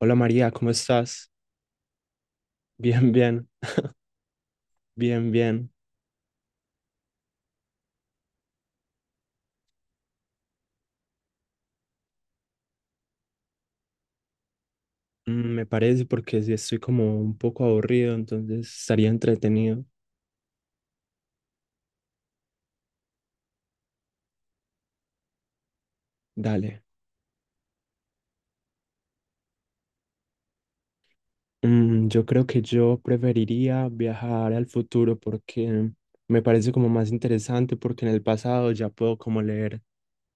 Hola María, ¿cómo estás? Bien, bien, bien, bien. Me parece porque sí estoy como un poco aburrido, entonces estaría entretenido. Dale. Yo creo que yo preferiría viajar al futuro porque me parece como más interesante porque en el pasado ya puedo como leer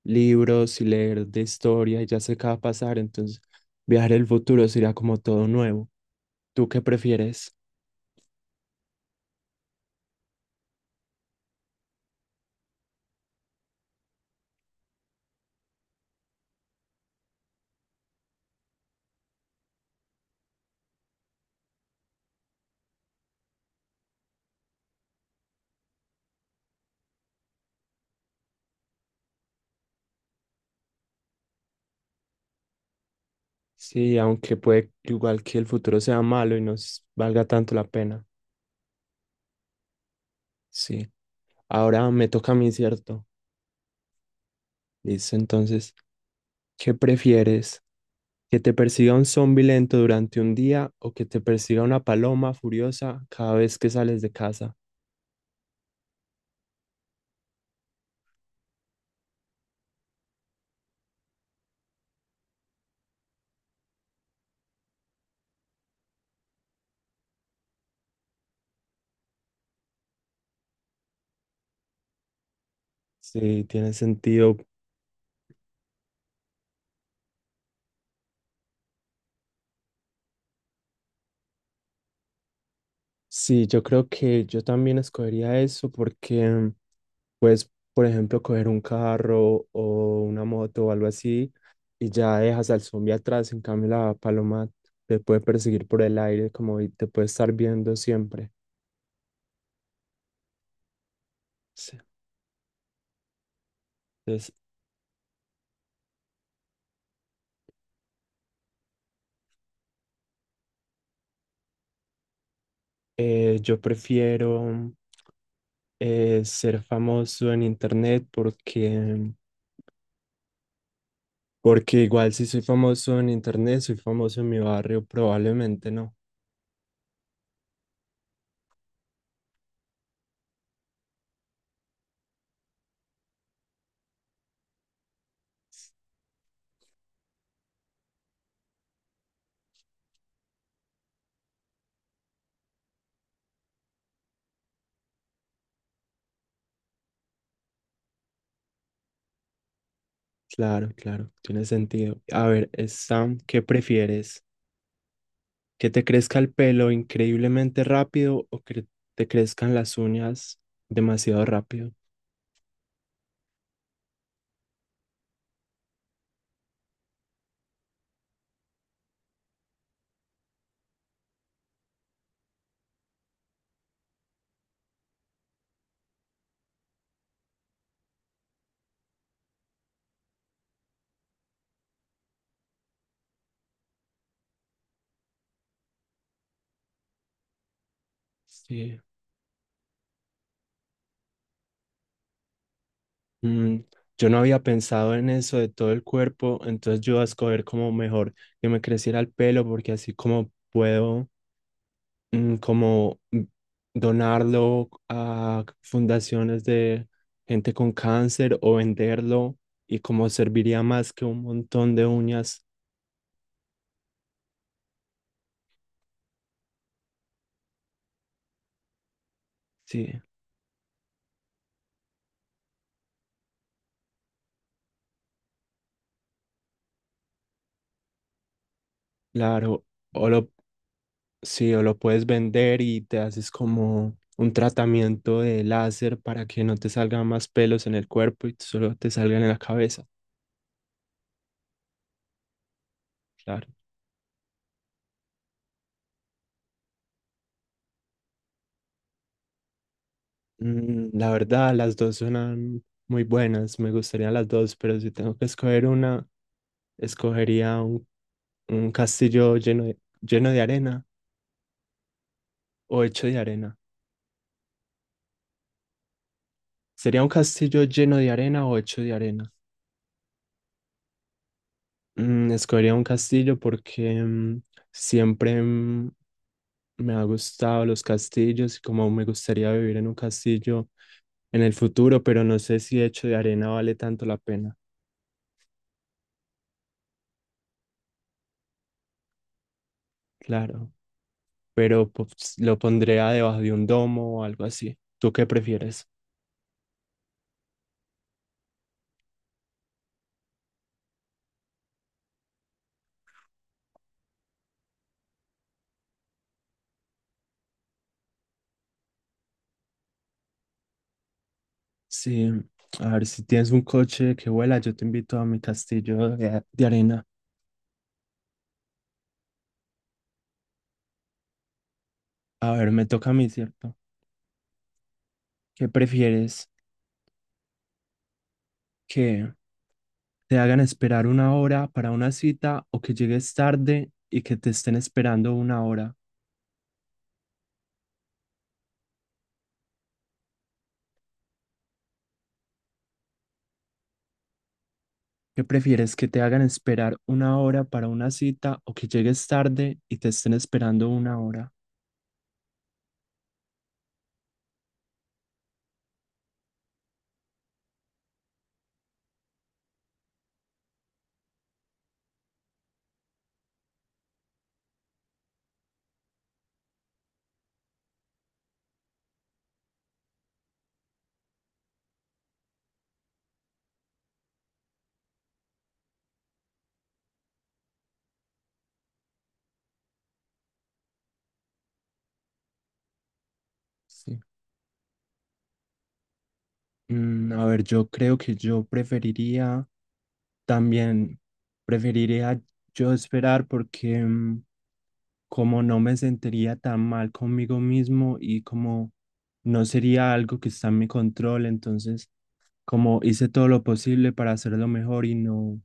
libros y leer de historia y ya sé qué va a pasar, entonces viajar al futuro sería como todo nuevo. ¿Tú qué prefieres? Sí, aunque puede igual que el futuro sea malo y no s- valga tanto la pena. Sí. Ahora me toca a mí, ¿cierto? Listo, entonces, ¿qué prefieres? ¿Que te persiga un zombi lento durante un día o que te persiga una paloma furiosa cada vez que sales de casa? Sí, tiene sentido. Sí, yo creo que yo también escogería eso porque puedes, por ejemplo, coger un carro o una moto o algo así y ya dejas al zombi atrás. En cambio, la paloma te puede perseguir por el aire como y te puede estar viendo siempre. Sí. Entonces, yo prefiero ser famoso en internet porque igual si soy famoso en internet, soy famoso en mi barrio, probablemente no. Claro, claro, tiene sentido. A ver, Sam, ¿qué prefieres? ¿Que te crezca el pelo increíblemente rápido o que te crezcan las uñas demasiado rápido? Sí. Mm, yo no había pensado en eso de todo el cuerpo, entonces yo voy a escoger como mejor que me creciera el pelo porque así como puedo mm, como mm, donarlo a fundaciones de gente con cáncer o venderlo y como serviría más que un montón de uñas. Sí, claro. O lo, sí, o lo puedes vender y te haces como un tratamiento de láser para que no te salgan más pelos en el cuerpo y solo te salgan en la cabeza. Claro. La verdad, las dos suenan muy buenas, me gustarían las dos, pero si tengo que escoger una, escogería un castillo lleno de arena o hecho de arena. ¿Sería un castillo lleno de arena o hecho de arena? Escogería un castillo porque siempre mm, me ha gustado los castillos y como me gustaría vivir en un castillo en el futuro, pero no sé si hecho de arena vale tanto la pena. Claro, pero pues, lo pondría debajo de un domo o algo así. ¿Tú qué prefieres? Sí, a ver, si tienes un coche que vuela, yo te invito a mi castillo de arena. A ver, me toca a mí, ¿cierto? ¿Qué prefieres? ¿Que te hagan esperar una hora para una cita o que llegues tarde y que te estén esperando una hora? ¿Qué prefieres? ¿Que te hagan esperar una hora para una cita o que llegues tarde y te estén esperando una hora? Sí. A ver, yo creo que yo también, preferiría yo esperar porque... como no me sentiría tan mal conmigo mismo y como no sería algo que está en mi control, entonces como hice todo lo posible para hacerlo mejor y no,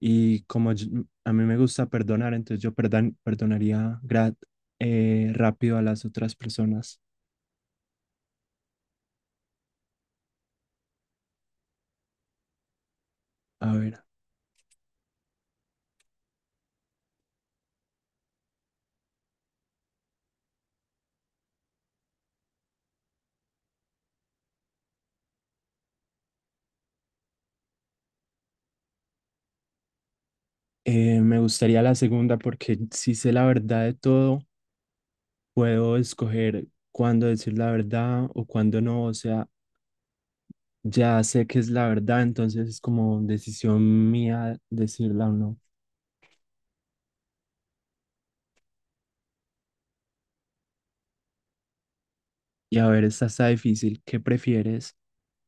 y a mí me gusta perdonar, entonces yo perdan perdonaría rápido a las otras personas. A ver, me gustaría la segunda porque si sé la verdad de todo, puedo escoger cuándo decir la verdad o cuándo no, o sea, ya sé que es la verdad, entonces es como decisión mía decirla o no. Y a ver, esta está difícil. ¿Qué prefieres?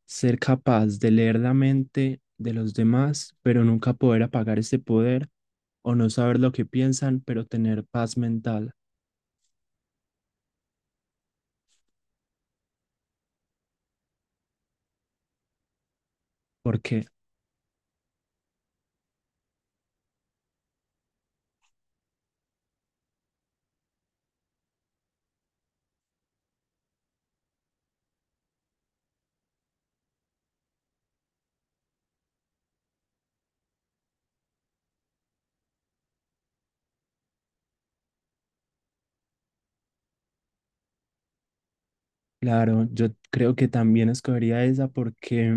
¿Ser capaz de leer la mente de los demás, pero nunca poder apagar ese poder? ¿O no saber lo que piensan, pero tener paz mental? Porque, claro, yo creo que también escogería esa porque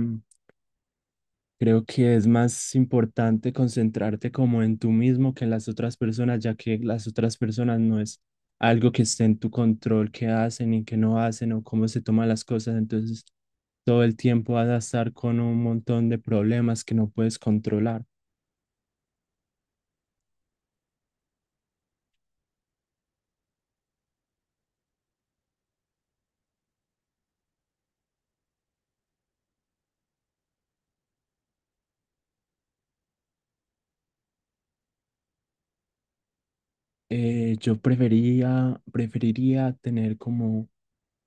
creo que es más importante concentrarte como en tú mismo que en las otras personas, ya que las otras personas no es algo que esté en tu control, qué hacen y qué no hacen o cómo se toman las cosas. Entonces, todo el tiempo vas a estar con un montón de problemas que no puedes controlar. Preferiría tener como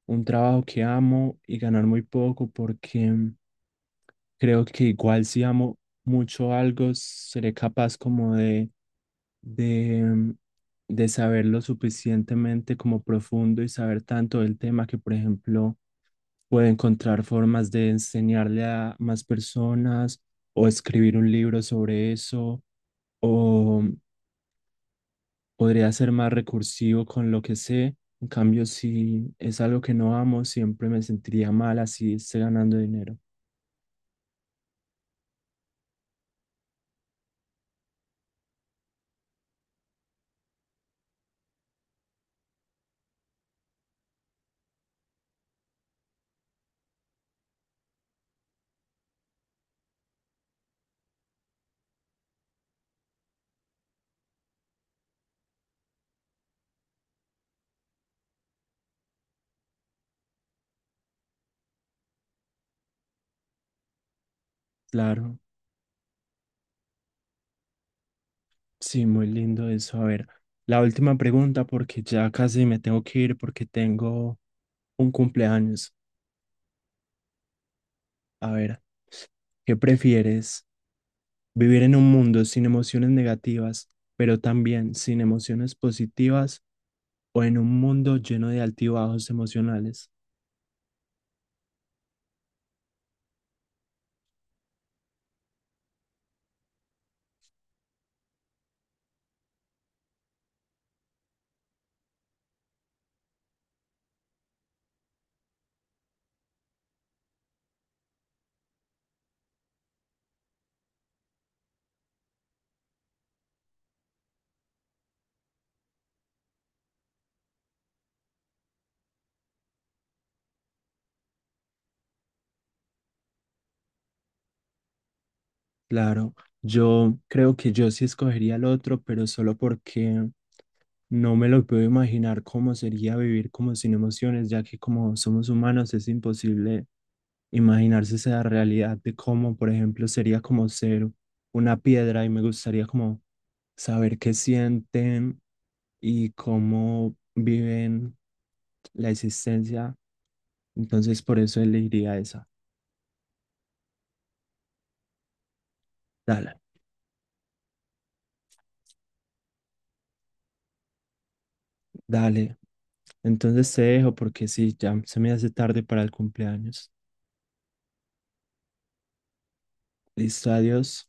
un trabajo que amo y ganar muy poco porque creo que igual si amo mucho algo, seré capaz como de, mm, de saberlo suficientemente como profundo y saber tanto del tema que, por ejemplo, puedo encontrar formas de enseñarle a más personas o escribir un libro sobre eso o podría ser más recursivo con lo que sé. En cambio, si es algo que no amo, siempre me sentiría mal así esté ganando dinero. Claro. Sí, muy lindo eso. A ver, la última pregunta porque ya casi me tengo que ir porque tengo un cumpleaños. A ver, ¿qué prefieres? ¿Vivir en un mundo sin emociones negativas, pero también sin emociones positivas o en un mundo lleno de altibajos emocionales? Claro, yo creo que yo sí escogería el otro, pero solo porque no me lo puedo imaginar cómo sería vivir como sin emociones, ya que como somos humanos es imposible imaginarse esa realidad de cómo, por ejemplo, sería como ser una piedra y me gustaría como saber qué sienten y cómo viven la existencia. Entonces, por eso elegiría esa. Dale, dale. Entonces te dejo porque sí, ya se me hace tarde para el cumpleaños. Listo, adiós.